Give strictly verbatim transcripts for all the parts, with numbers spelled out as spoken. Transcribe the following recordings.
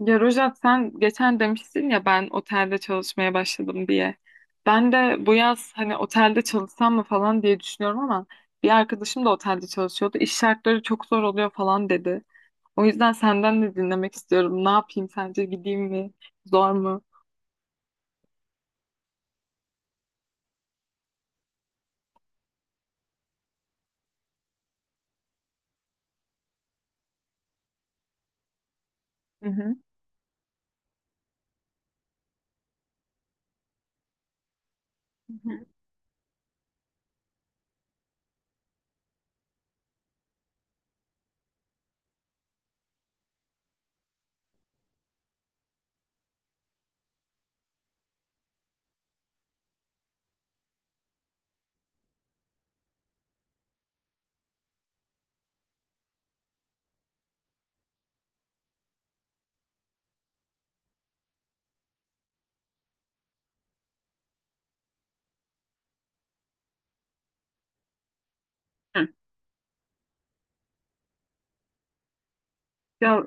Ya Rojat sen geçen demiştin ya ben otelde çalışmaya başladım diye. Ben de bu yaz hani otelde çalışsam mı falan diye düşünüyorum ama bir arkadaşım da otelde çalışıyordu. İş şartları çok zor oluyor falan dedi. O yüzden senden de dinlemek istiyorum. Ne yapayım sence gideyim mi? Zor mu? Hı hı. Hı hı. Hı. Ya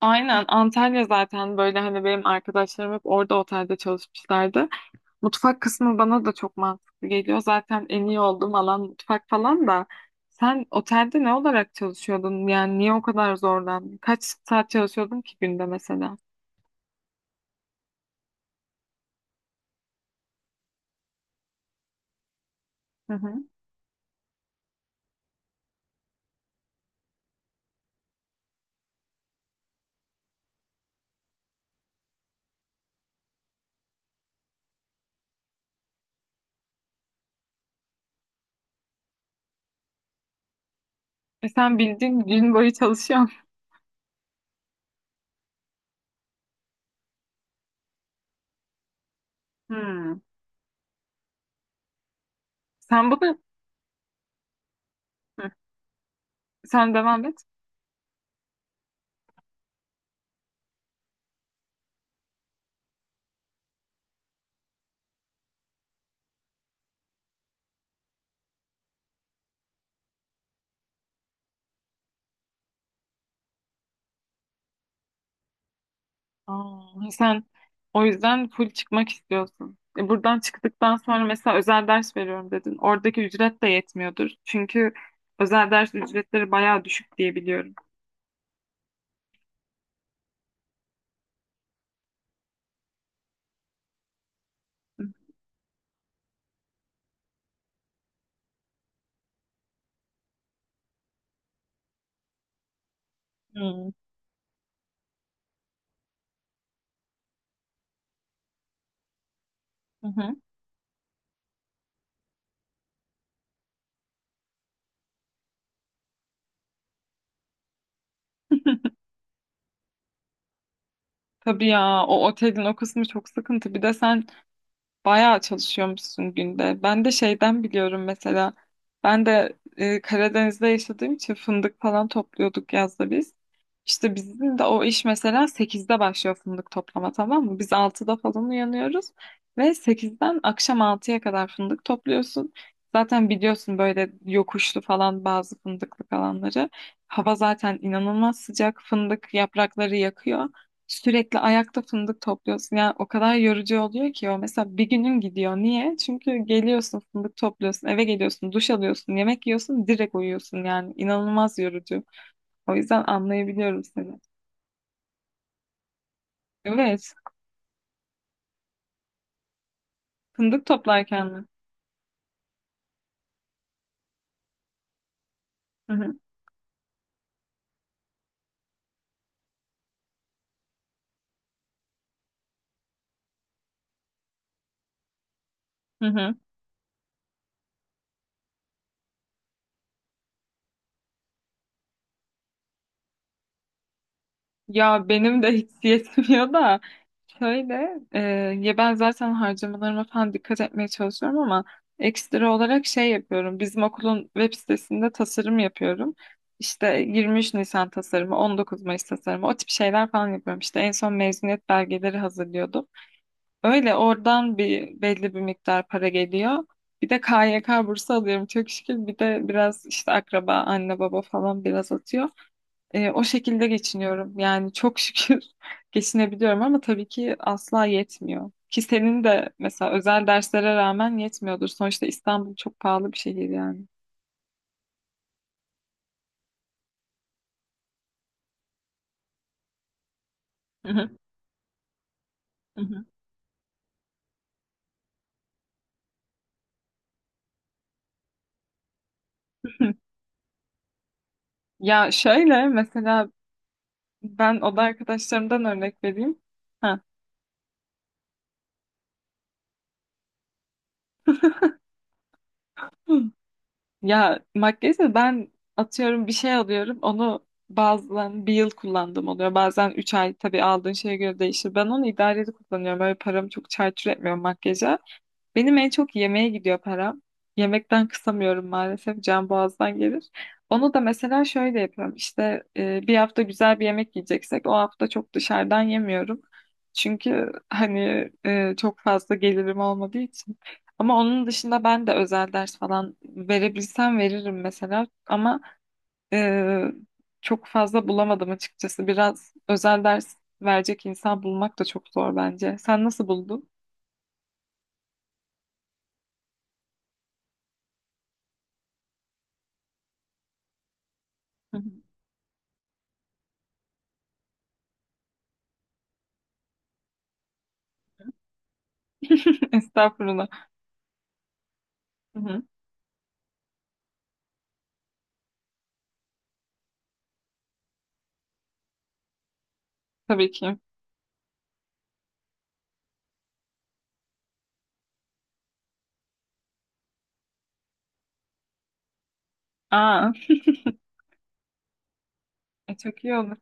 aynen, Antalya zaten böyle hani benim arkadaşlarım hep orada otelde çalışmışlardı. Mutfak kısmı bana da çok mantıklı geliyor. Zaten en iyi olduğum alan mutfak falan da. Sen otelde ne olarak çalışıyordun? Yani niye o kadar zorlandın? Kaç saat çalışıyordun ki günde mesela? Hı hı. E sen bildiğin gün boyu çalışıyorsun. Hmm. Sen bunu. Hı. Sen devam et. Aa, sen o yüzden full çıkmak istiyorsun. E buradan çıktıktan sonra mesela özel ders veriyorum dedin. Oradaki ücret de yetmiyordur. Çünkü özel ders ücretleri bayağı düşük diye biliyorum. Hmm. Tabii ya, o otelin o kısmı çok sıkıntı. Bir de sen bayağı çalışıyormuşsun günde. Ben de şeyden biliyorum mesela. Ben de e, Karadeniz'de yaşadığım için fındık falan topluyorduk yazda biz. İşte bizim de o iş mesela sekizde başlıyor fındık toplama, tamam mı? Biz altıda falan uyanıyoruz ve sekizden akşam altıya kadar fındık topluyorsun. Zaten biliyorsun böyle yokuşlu falan bazı fındıklık alanları. Hava zaten inanılmaz sıcak. Fındık yaprakları yakıyor. Sürekli ayakta fındık topluyorsun. Yani o kadar yorucu oluyor ki o. Mesela bir günün gidiyor. Niye? Çünkü geliyorsun fındık topluyorsun, eve geliyorsun, duş alıyorsun, yemek yiyorsun, direkt uyuyorsun. Yani inanılmaz yorucu. O yüzden anlayabiliyorum seni. Evet. Fındık toplarken mi? Hı hı. Hı hı. Ya benim de hiç yetmiyor da şöyle, e, ya ben zaten harcamalarıma falan dikkat etmeye çalışıyorum ama ekstra olarak şey yapıyorum. Bizim okulun web sitesinde tasarım yapıyorum. İşte yirmi üç Nisan tasarımı, on dokuz Mayıs tasarımı, o tip şeyler falan yapıyorum. İşte en son mezuniyet belgeleri hazırlıyordum. Öyle oradan bir belli bir miktar para geliyor. Bir de K Y K bursu alıyorum çok şükür. Bir de biraz işte akraba, anne baba falan biraz atıyor. E, o şekilde geçiniyorum. Yani çok şükür geçinebiliyorum ama tabii ki asla yetmiyor. Ki senin de mesela özel derslere rağmen yetmiyordur. Sonuçta İstanbul çok pahalı bir şehir yani. Hı hı, hı hı. Ya şöyle mesela, ben oda arkadaşlarımdan örnek vereyim. Ha. Hı. Ya, makyajı ben atıyorum bir şey alıyorum. Onu bazen bir yıl kullandım oluyor. Bazen üç ay, tabii aldığın şeye göre değişir. Ben onu idareli kullanıyorum. Öyle paramı çok çarçur etmiyorum makyaja. Benim en çok yemeğe gidiyor param. Yemekten kısamıyorum maalesef. Can boğazdan gelir. Onu da mesela şöyle yapıyorum. İşte, e, bir hafta güzel bir yemek yiyeceksek o hafta çok dışarıdan yemiyorum. Çünkü hani, e, çok fazla gelirim olmadığı için. Ama onun dışında ben de özel ders falan verebilsem veririm mesela. Ama e, çok fazla bulamadım açıkçası. Biraz özel ders verecek insan bulmak da çok zor bence. Sen nasıl buldun? Estağfurullah. Tabii ki. Aa, e, çok iyi olur.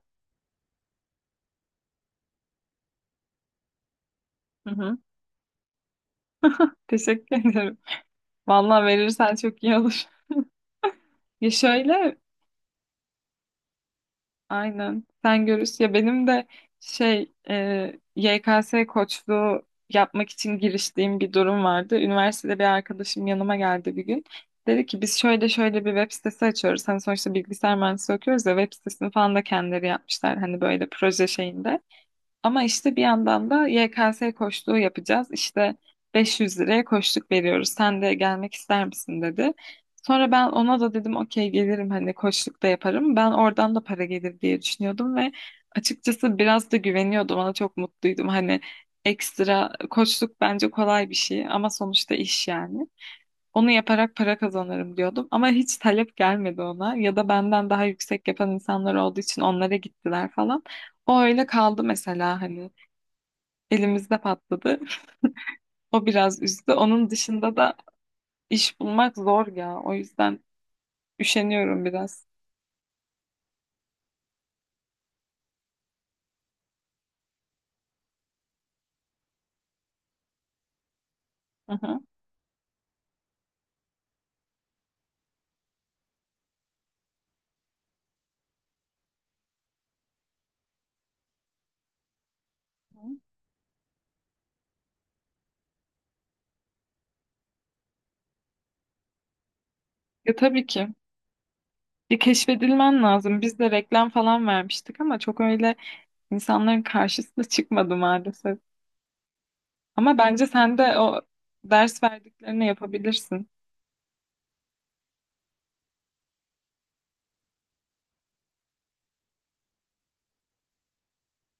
Hı hı. Teşekkür ederim. Vallahi verirsen çok iyi olur. Ya şöyle, aynen. Sen görürsün. Ya benim de şey, e, Y K S koçluğu yapmak için giriştiğim bir durum vardı. Üniversitede bir arkadaşım yanıma geldi bir gün. Dedi ki biz şöyle şöyle bir web sitesi açıyoruz. Hani sonuçta bilgisayar mühendisliği okuyoruz ya, web sitesini falan da kendileri yapmışlar. Hani böyle proje şeyinde. Ama işte bir yandan da Y K S koçluğu yapacağız. İşte beş yüz liraya koçluk veriyoruz. Sen de gelmek ister misin dedi. Sonra ben ona da dedim okey gelirim, hani koçluk da yaparım. Ben oradan da para gelir diye düşünüyordum ve açıkçası biraz da güveniyordum. Ona çok mutluydum. Hani ekstra koçluk bence kolay bir şey ama sonuçta iş yani. Onu yaparak para kazanırım diyordum ama hiç talep gelmedi ona, ya da benden daha yüksek yapan insanlar olduğu için onlara gittiler falan. O öyle kaldı mesela hani. Elimizde patladı. O biraz üzdü. Onun dışında da iş bulmak zor ya. O yüzden üşeniyorum biraz. Hı hı. Ya tabii ki. Ya keşfedilmen lazım. Biz de reklam falan vermiştik ama çok öyle insanların karşısına çıkmadı maalesef. Ama bence sen de o ders verdiklerini yapabilirsin.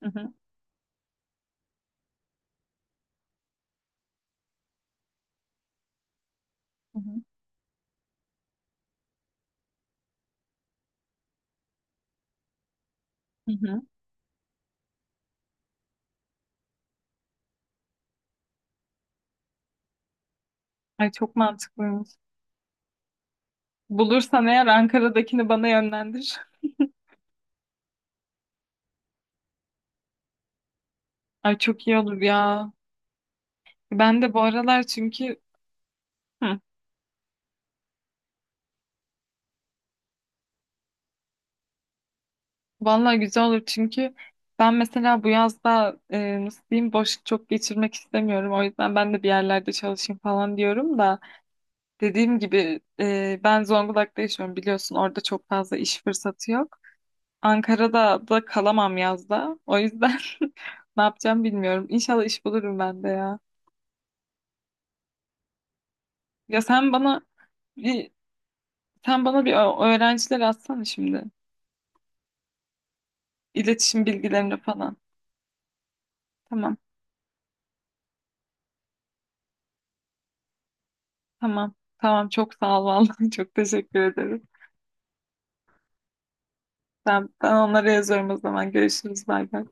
Hı hı. Hı hı. Hı hı. Ay çok mantıklıymış. Bulursan eğer Ankara'dakini bana yönlendir. Ay çok iyi olur ya. Ben de bu aralar çünkü. Hı. Vallahi güzel olur çünkü ben mesela bu yazda, e, nasıl diyeyim, boş çok geçirmek istemiyorum. O yüzden ben de bir yerlerde çalışayım falan diyorum da dediğim gibi, e, ben Zonguldak'ta yaşıyorum biliyorsun, orada çok fazla iş fırsatı yok. Ankara'da da kalamam yazda. O yüzden ne yapacağım bilmiyorum. İnşallah iş bulurum ben de ya. Ya sen bana bir sen bana bir ö- öğrenciler atsana şimdi. İletişim bilgilerini falan. Tamam. Tamam. Tamam, çok sağ ol vallahi, çok teşekkür ederim. Ben, ben onlara yazıyorum o zaman. Görüşürüz. Bay bay.